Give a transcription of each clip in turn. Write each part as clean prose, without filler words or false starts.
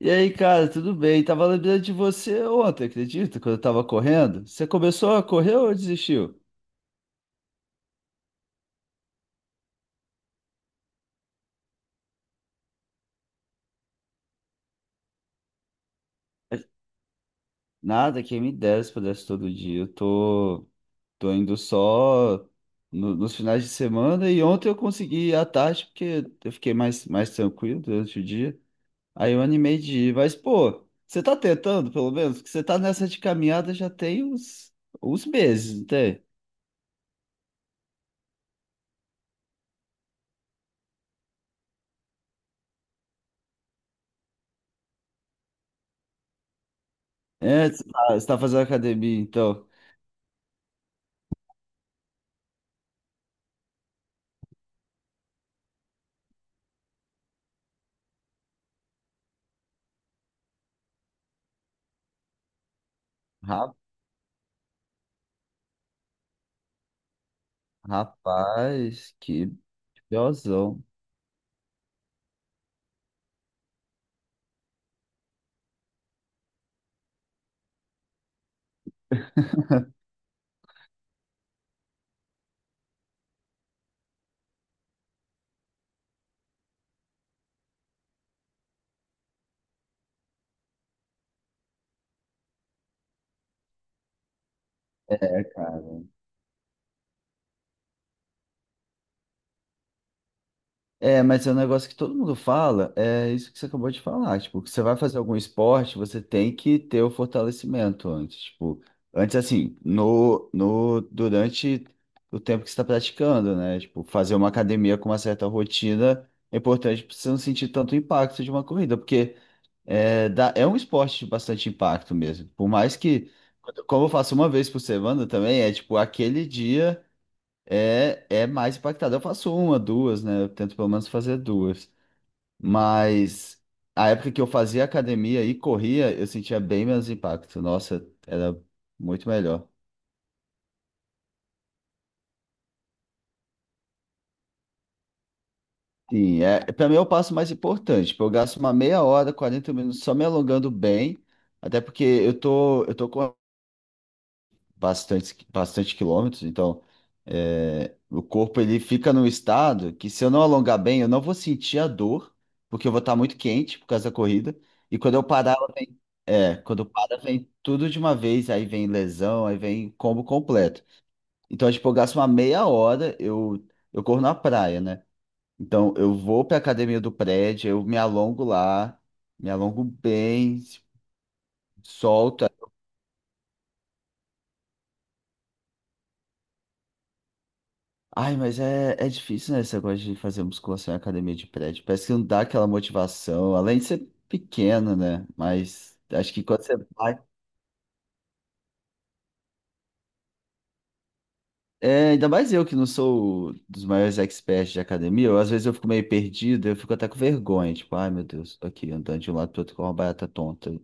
E aí, cara, tudo bem? Tava lembrando de você ontem, acredita? Quando eu tava correndo. Você começou a correr ou desistiu? Nada, quem me dera se pudesse todo dia. Eu tô indo só nos finais de semana e ontem eu consegui ir à tarde porque eu fiquei mais tranquilo durante o dia. Aí eu animei de ir. Mas, pô, você tá tentando, pelo menos? Porque você tá nessa de caminhada já tem uns meses, não tem? É, você tá fazendo academia, então. Ra- Rapaz, que Gozão. É, cara. É, mas é um negócio que todo mundo fala, é isso que você acabou de falar. Tipo, que você vai fazer algum esporte, você tem que ter o fortalecimento antes. Tipo, antes assim, no, no, durante o tempo que você está praticando, né? Tipo, fazer uma academia com uma certa rotina é importante para você não sentir tanto impacto de uma corrida, porque é um esporte de bastante impacto mesmo. Por mais que, como eu faço uma vez por semana também, é tipo aquele dia. É mais impactado. Eu faço uma, duas, né? Eu tento pelo menos fazer duas. Mas a época que eu fazia academia e corria, eu sentia bem menos impacto. Nossa, era muito melhor. Sim, para mim é o passo mais importante. Tipo, eu gasto uma meia hora, 40 minutos só me alongando bem, até porque eu tô com bastante, bastante quilômetros, então o corpo ele fica num estado que se eu não alongar bem, eu não vou sentir a dor, porque eu vou estar muito quente por causa da corrida, e quando eu parar, ela vem, quando eu paro, vem tudo de uma vez, aí vem lesão, aí vem combo completo. Então, tipo, eu gasto uma meia hora, eu corro na praia, né? Então, eu vou para academia do prédio, eu me alongo lá, me alongo bem, solto. Ai, mas é difícil, né? Esse negócio de fazer musculação em academia de prédio. Parece que não dá aquela motivação, além de ser pequeno, né? Mas acho que quando você vai. É, ainda mais eu que não sou dos maiores experts de academia, às vezes eu fico meio perdido, eu fico até com vergonha, tipo, ai meu Deus, tô aqui andando de um lado pro outro com uma barata tonta.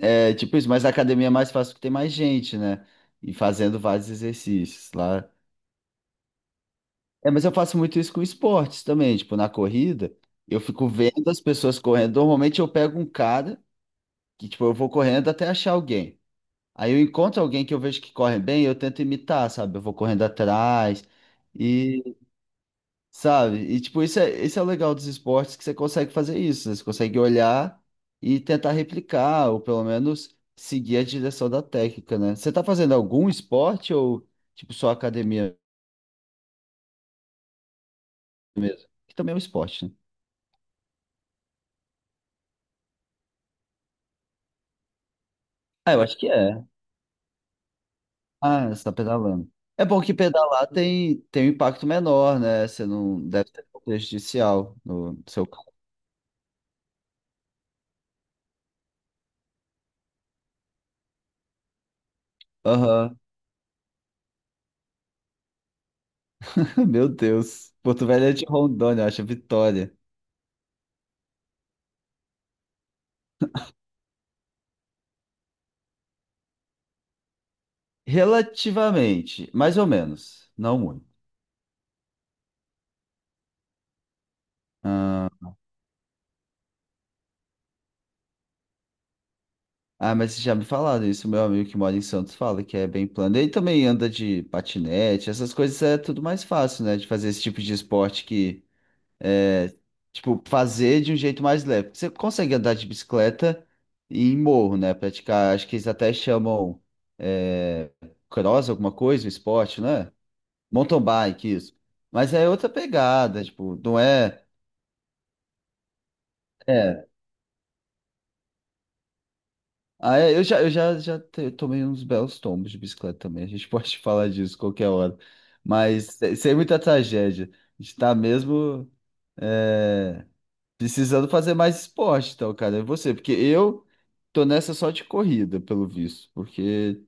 É, tipo isso, mas na academia é mais fácil porque tem mais gente, né? E fazendo vários exercícios. Lá. É, mas eu faço muito isso com esportes também, tipo, na corrida, eu fico vendo as pessoas correndo. Normalmente eu pego um cara que, tipo, eu vou correndo até achar alguém. Aí eu encontro alguém que eu vejo que corre bem, eu tento imitar, sabe? Eu vou correndo atrás e, sabe? E, tipo, isso é o legal dos esportes, que você consegue fazer isso, né? Você consegue olhar e tentar replicar, ou pelo menos seguir a direção da técnica, né? Você tá fazendo algum esporte ou, tipo, só academia mesmo? Que também é um esporte, né? Ah, eu acho que é. Ah, você está pedalando. É bom que pedalar tem um impacto menor, né? Você não deve ser prejudicial no seu carro. Aham. Meu Deus. Porto Velho é de Rondônia, eu acho, Vitória. Relativamente, mais ou menos, não muito. Ah, ah, mas vocês já me falaram isso, meu amigo que mora em Santos fala que é bem plano. Ele também anda de patinete, essas coisas é tudo mais fácil, né? De fazer esse tipo de esporte que é, tipo, fazer de um jeito mais leve. Você consegue andar de bicicleta e em morro, né? Praticar, acho que eles até chamam é, cross, alguma coisa, um esporte, né? Mountain bike, isso. Mas é outra pegada, tipo, não é. É. Ah, é, eu já tomei uns belos tombos de bicicleta também. A gente pode falar disso qualquer hora. Mas sem muita tragédia. A gente tá mesmo, é, precisando fazer mais esporte, então, cara, é você, porque eu tô nessa só de corrida, pelo visto, porque,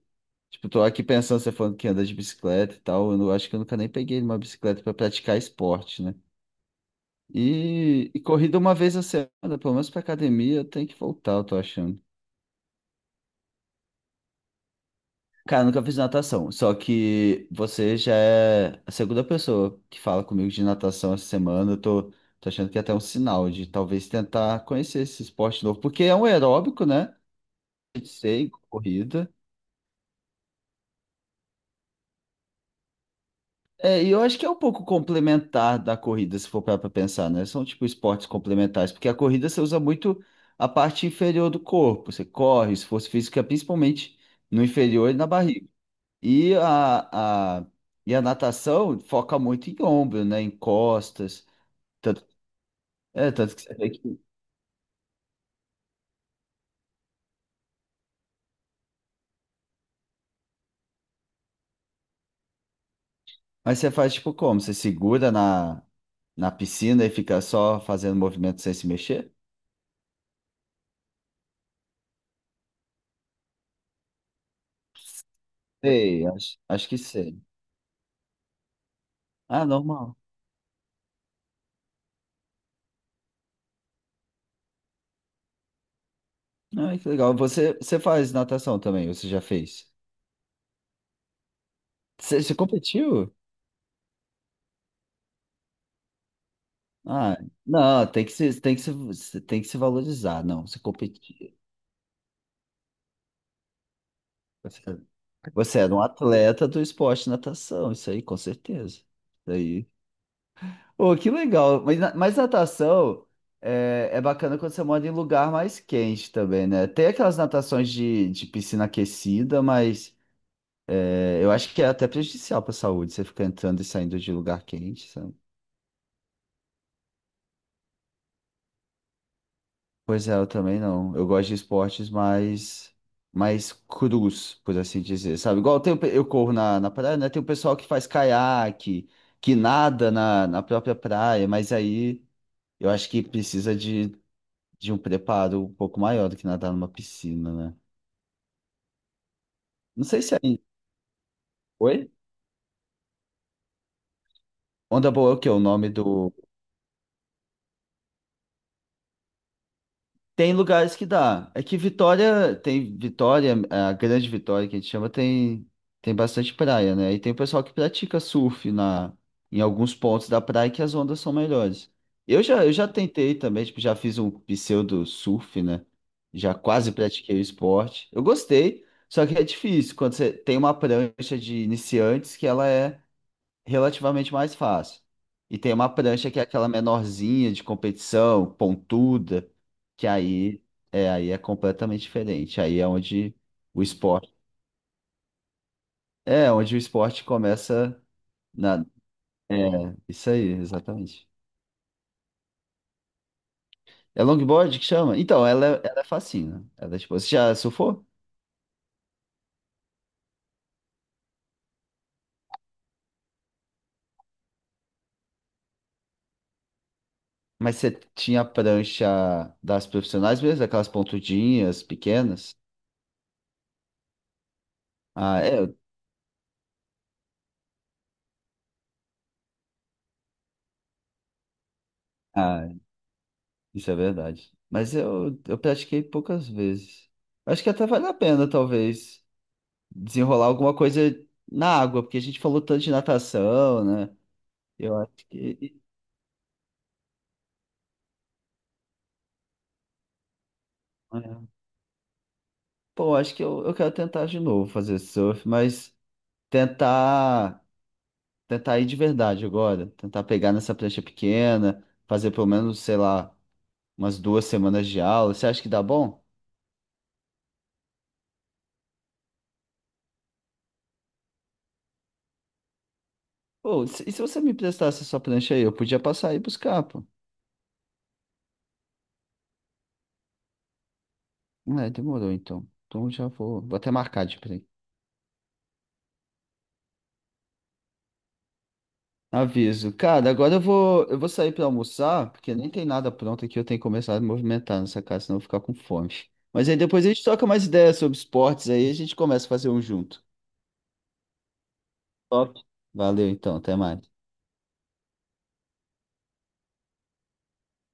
tipo, tô aqui pensando, você falando que anda de bicicleta e tal, eu não, acho que eu nunca nem peguei uma bicicleta pra praticar esporte, né? E corrida uma vez a semana, pelo menos pra academia, eu tenho que voltar, eu tô achando. Cara, eu nunca fiz natação, só que você já é a segunda pessoa que fala comigo de natação essa semana, eu tô achando que é até um sinal de talvez tentar conhecer esse esporte novo, porque é um aeróbico, né? Sei, corrida. É, e eu acho que é um pouco complementar da corrida, se for parar pra pensar, né? São tipo esportes complementares, porque a corrida você usa muito a parte inferior do corpo, você corre, esforço físico é principalmente no inferior e na barriga. E a, a, e a natação foca muito em ombro, né? Em costas. Tanto, tanto que você vê que. Mas você faz tipo como? Você segura na piscina e fica só fazendo movimento sem se mexer? Sei, acho que sei. Ah, normal. Ai, que legal. Você faz natação também, você já fez? Você competiu? Ah, não, tem que se, você tem que se valorizar. Não, você competiu. Você, você era um atleta do esporte de natação, isso aí, com certeza. Isso aí. Pô, que legal. Mas, mas natação é bacana quando você mora em lugar mais quente também, né? Tem aquelas natações de piscina aquecida, mas eu acho que é até prejudicial para a saúde, você ficar entrando e saindo de lugar quente. Pois é, eu também não. Eu gosto de esportes mais, crus, por assim dizer, sabe? Igual tem, eu corro na praia, né? Tem o pessoal que faz caiaque, que nada na própria praia, mas aí eu acho que precisa de um preparo um pouco maior do que nadar numa piscina, né? Não sei se é. Oi? Onda boa é o quê? O nome do. Tem lugares que dá. É que Vitória tem Vitória, a Grande Vitória que a gente chama, tem bastante praia, né? E tem o pessoal que pratica surf em alguns pontos da praia que as ondas são melhores. Eu já tentei também, tipo, já fiz um pseudo surf, né? Já quase pratiquei o esporte. Eu gostei, só que é difícil quando você tem uma prancha de iniciantes que ela é relativamente mais fácil. E tem uma prancha que é aquela menorzinha de competição, pontuda, que aí é completamente diferente. Aí é onde o esporte, o esporte começa na, é, isso aí, exatamente. É longboard que chama? Então, ela é fascina. Ela é tipo, você já surfou? Mas você tinha a prancha das profissionais mesmo, aquelas pontudinhas pequenas? Ah, é. Ah, isso é verdade. Mas eu pratiquei poucas vezes. Acho que até vale a pena, talvez, desenrolar alguma coisa na água, porque a gente falou tanto de natação, né? Eu acho que. É. Pô, acho que eu quero tentar de novo fazer surf, mas tentar, tentar, ir de verdade agora. Tentar pegar nessa prancha pequena, fazer pelo menos, sei lá, umas 2 semanas de aula. Você acha que dá bom? Pô, e se você me prestasse a sua prancha aí, eu podia passar e buscar, pô. É, demorou então. Então já vou até marcar de print. Aviso. Cara, agora eu vou sair pra almoçar, porque nem tem nada pronto aqui, eu tenho que começar a movimentar nessa casa, senão eu vou ficar com fome. Mas aí depois a gente troca mais ideias sobre esportes aí, a gente começa a fazer um junto. Top. Valeu então, até mais.